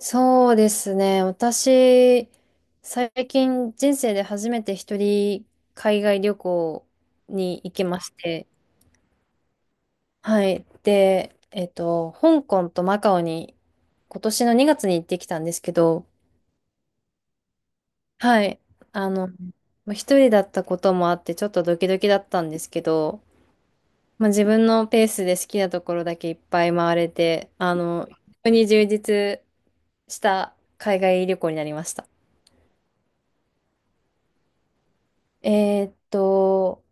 そうですね。私、最近人生で初めて一人海外旅行に行きまして、はい。で、香港とマカオに今年の2月に行ってきたんですけど、はい。あの、まあ一人だったこともあってちょっとドキドキだったんですけど、まあ、自分のペースで好きなところだけいっぱい回れて、非常に充実した海外旅行になりました。えーっと、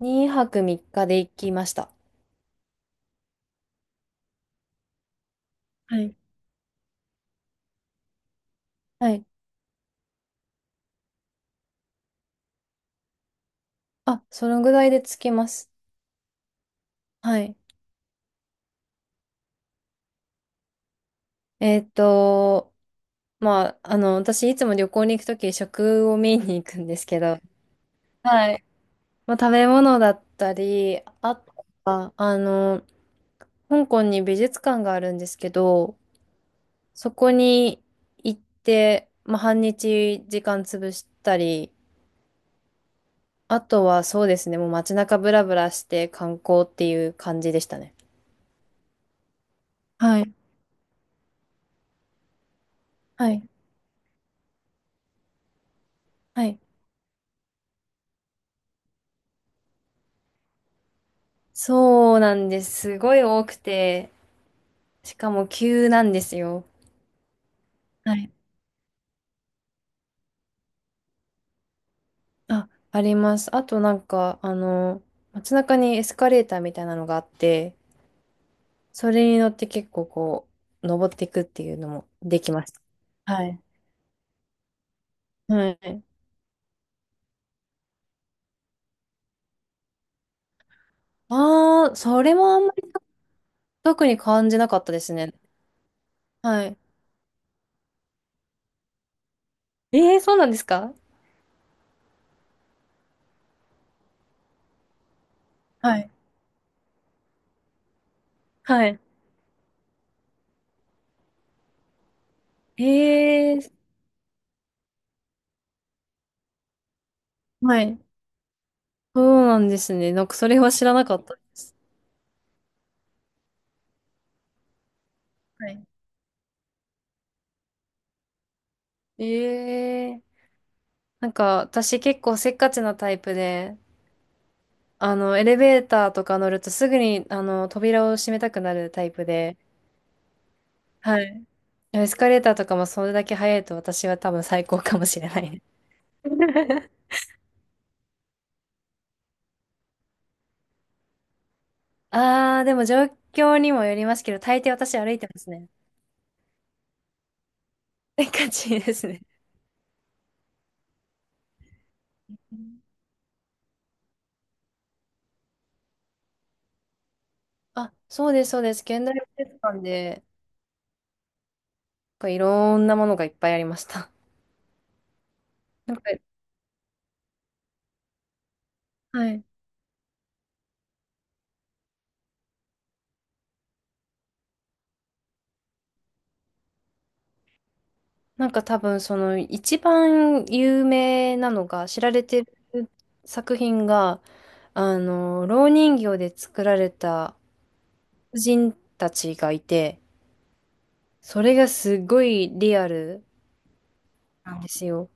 2泊3日で行きました。はい。はい。あ、そのぐらいで着きます。はい。えーっと、まあ、私いつも旅行に行くとき食を見に行くんですけど、はい。まあ、食べ物だったり、あとは、香港に美術館があるんですけど、そこに行って、まあ、半日時間潰したりあとはそうですね、もう街中ブラブラして観光っていう感じでしたね。はい。はい。はい。そうなんです。すごい多くて、しかも急なんですよ。はい。あ、あります。あとなんか、街中にエスカレーターみたいなのがあって、それに乗って結構こう、登っていくっていうのもできました。はい。はい。ああ、それもあんまり特に感じなかったですね。はい。ええ、そうなんですか？はい。はい。ええー。はい。そうなんですね。なんかそれは知らなかったです。はい。ええ、なんか私結構せっかちなタイプで、エレベーターとか乗るとすぐに、扉を閉めたくなるタイプで、はい。エスカレーターとかもそれだけ早いと私は多分最高かもしれない。あー、でも状況にもよりますけど、大抵私歩いてますね。せっかちですね。あ、そうです、そうです。現代美術館で、なんかいろんなものがいっぱいありました。なんか、はい。なんか多分その一番有名なのが、知られてる作品が、蝋人形で作られた婦人たちがいて、それがすごいリアルなんですよ。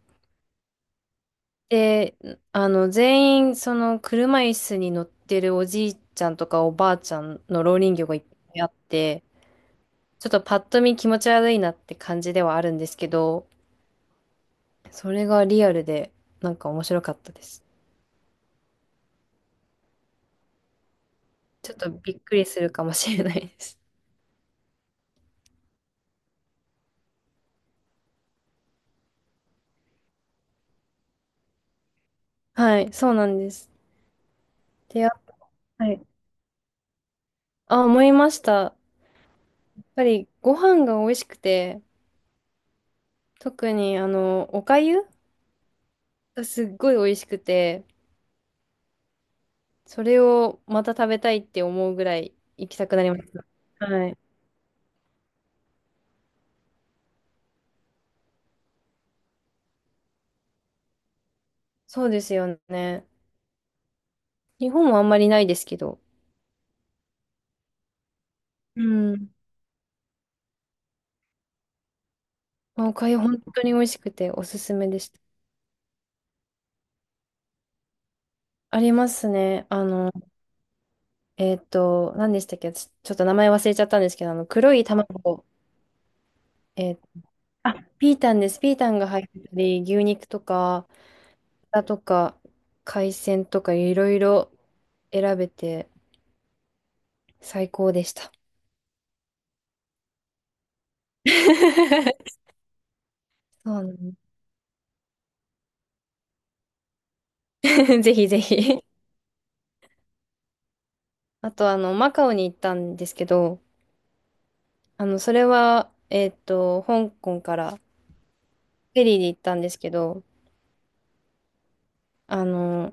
で、全員その車椅子に乗ってるおじいちゃんとかおばあちゃんの蝋人形がいっぱいあって、ちょっとパッと見気持ち悪いなって感じではあるんですけど、それがリアルで、なんか面白かったです。ちょっとびっくりするかもしれないです。はい、そうなんです。で、やはい。あ、思いました。やっぱりご飯が美味しくて、特にお粥がすっごい美味しくて、それをまた食べたいって思うぐらい行きたくなりました。はい。そうですよね。日本はあんまりないですけど。うん。まあお粥本当に美味しくておすすめでした。ありますね。何でしたっけ？ちょっと名前忘れちゃったんですけど、黒い卵、えーあ、ピータンです。ピータンが入ってたり、牛肉とか、豚とか、海鮮とか、いろいろ選べて、最高でした。そうなんです。 ぜひぜひ。あと、マカオに行ったんですけど、それは、香港からフェリーで行ったんですけど、あの、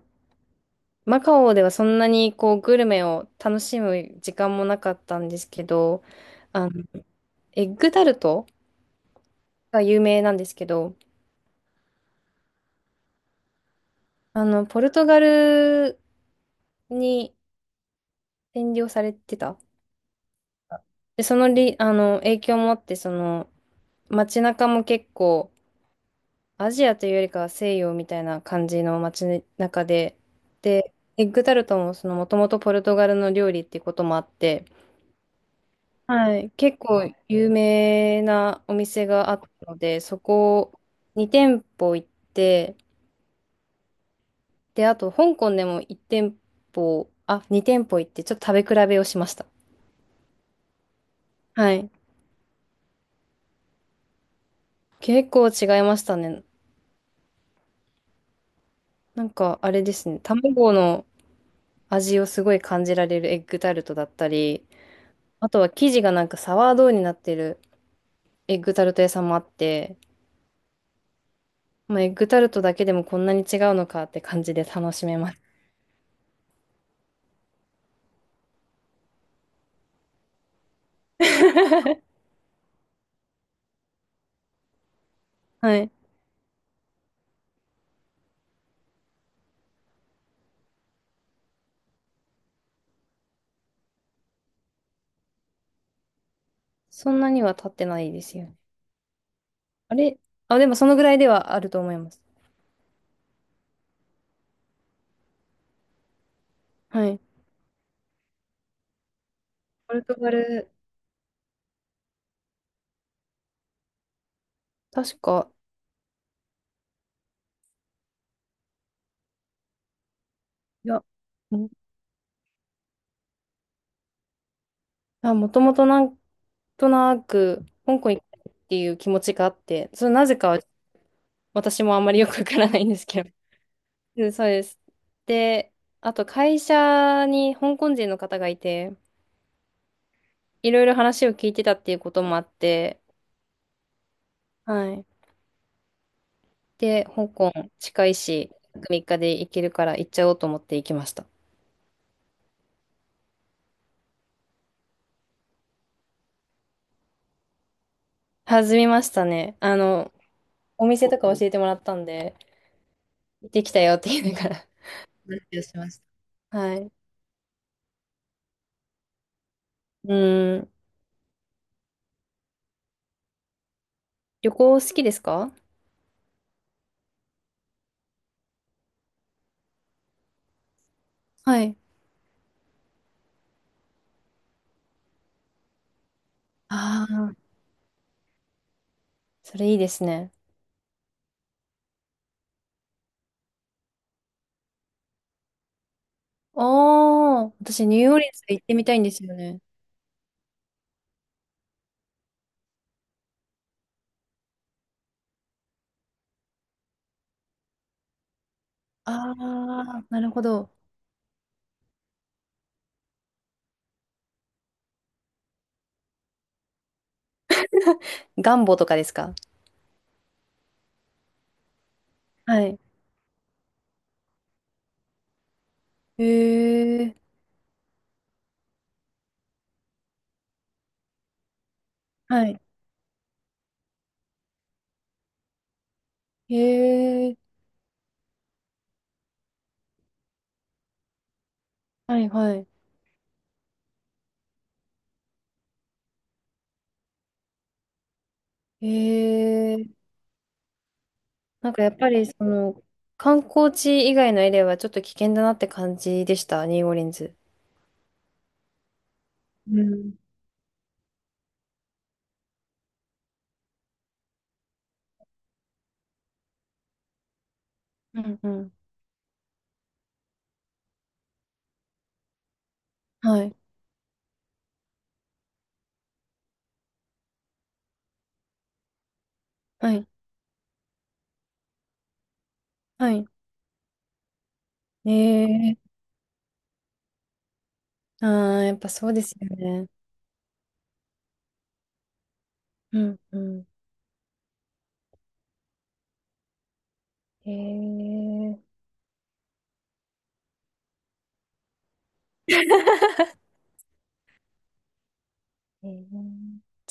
マカオではそんなにこうグルメを楽しむ時間もなかったんですけど、あの、エッグタルトが有名なんですけど、ポルトガルに占領されてた。で、その影響もあって、その、街中も結構、アジアというよりかは西洋みたいな感じの街中で、で、エッグタルトももともとポルトガルの料理っていうこともあって、はい、結構有名なお店があったので、そこ2店舗行って、で、あと香港でも1店舗、あ、2店舗行って、ちょっと食べ比べをしました。はい。結構違いましたね。なんかあれですね、卵の味をすごい感じられるエッグタルトだったり、あとは生地がなんかサワードーになってるエッグタルト屋さんもあって、まあ、エッグタルトだけでもこんなに違うのかって感じで楽しめます。はい。そんなには経ってないですよね。あれ、あ、でもそのぐらいではあると思います。はい。ポルトガル、確か、いや、んあ、もともとなんとなく、香港行きたいっていう気持ちがあって、それなぜかは私もあんまりよくわからないんですけど。うん、そうです。で、あと会社に香港人の方がいて、いろいろ話を聞いてたっていうこともあって、はい。で、香港近いし、3日で行けるから行っちゃおうと思って行きました。弾みましたね。お店とか教えてもらったんで、行ってきたよって言いながら しました。はい。うん。旅行好きですか？はい。ああ、それいいですね。ああ、私ニューオーリンズ行ってみたいんですよね。あー、なるほど。ガンボとかですか？はい。へえ。はい。へえ。はいはい。へえ。なんかやっぱりその、観光地以外のエリアはちょっと危険だなって感じでした、ニューオーリンズ。うん。うんうん。はい。はい。はい。えー、あー、やっぱそうですよね。うん、うん。えー、えー、ちょっ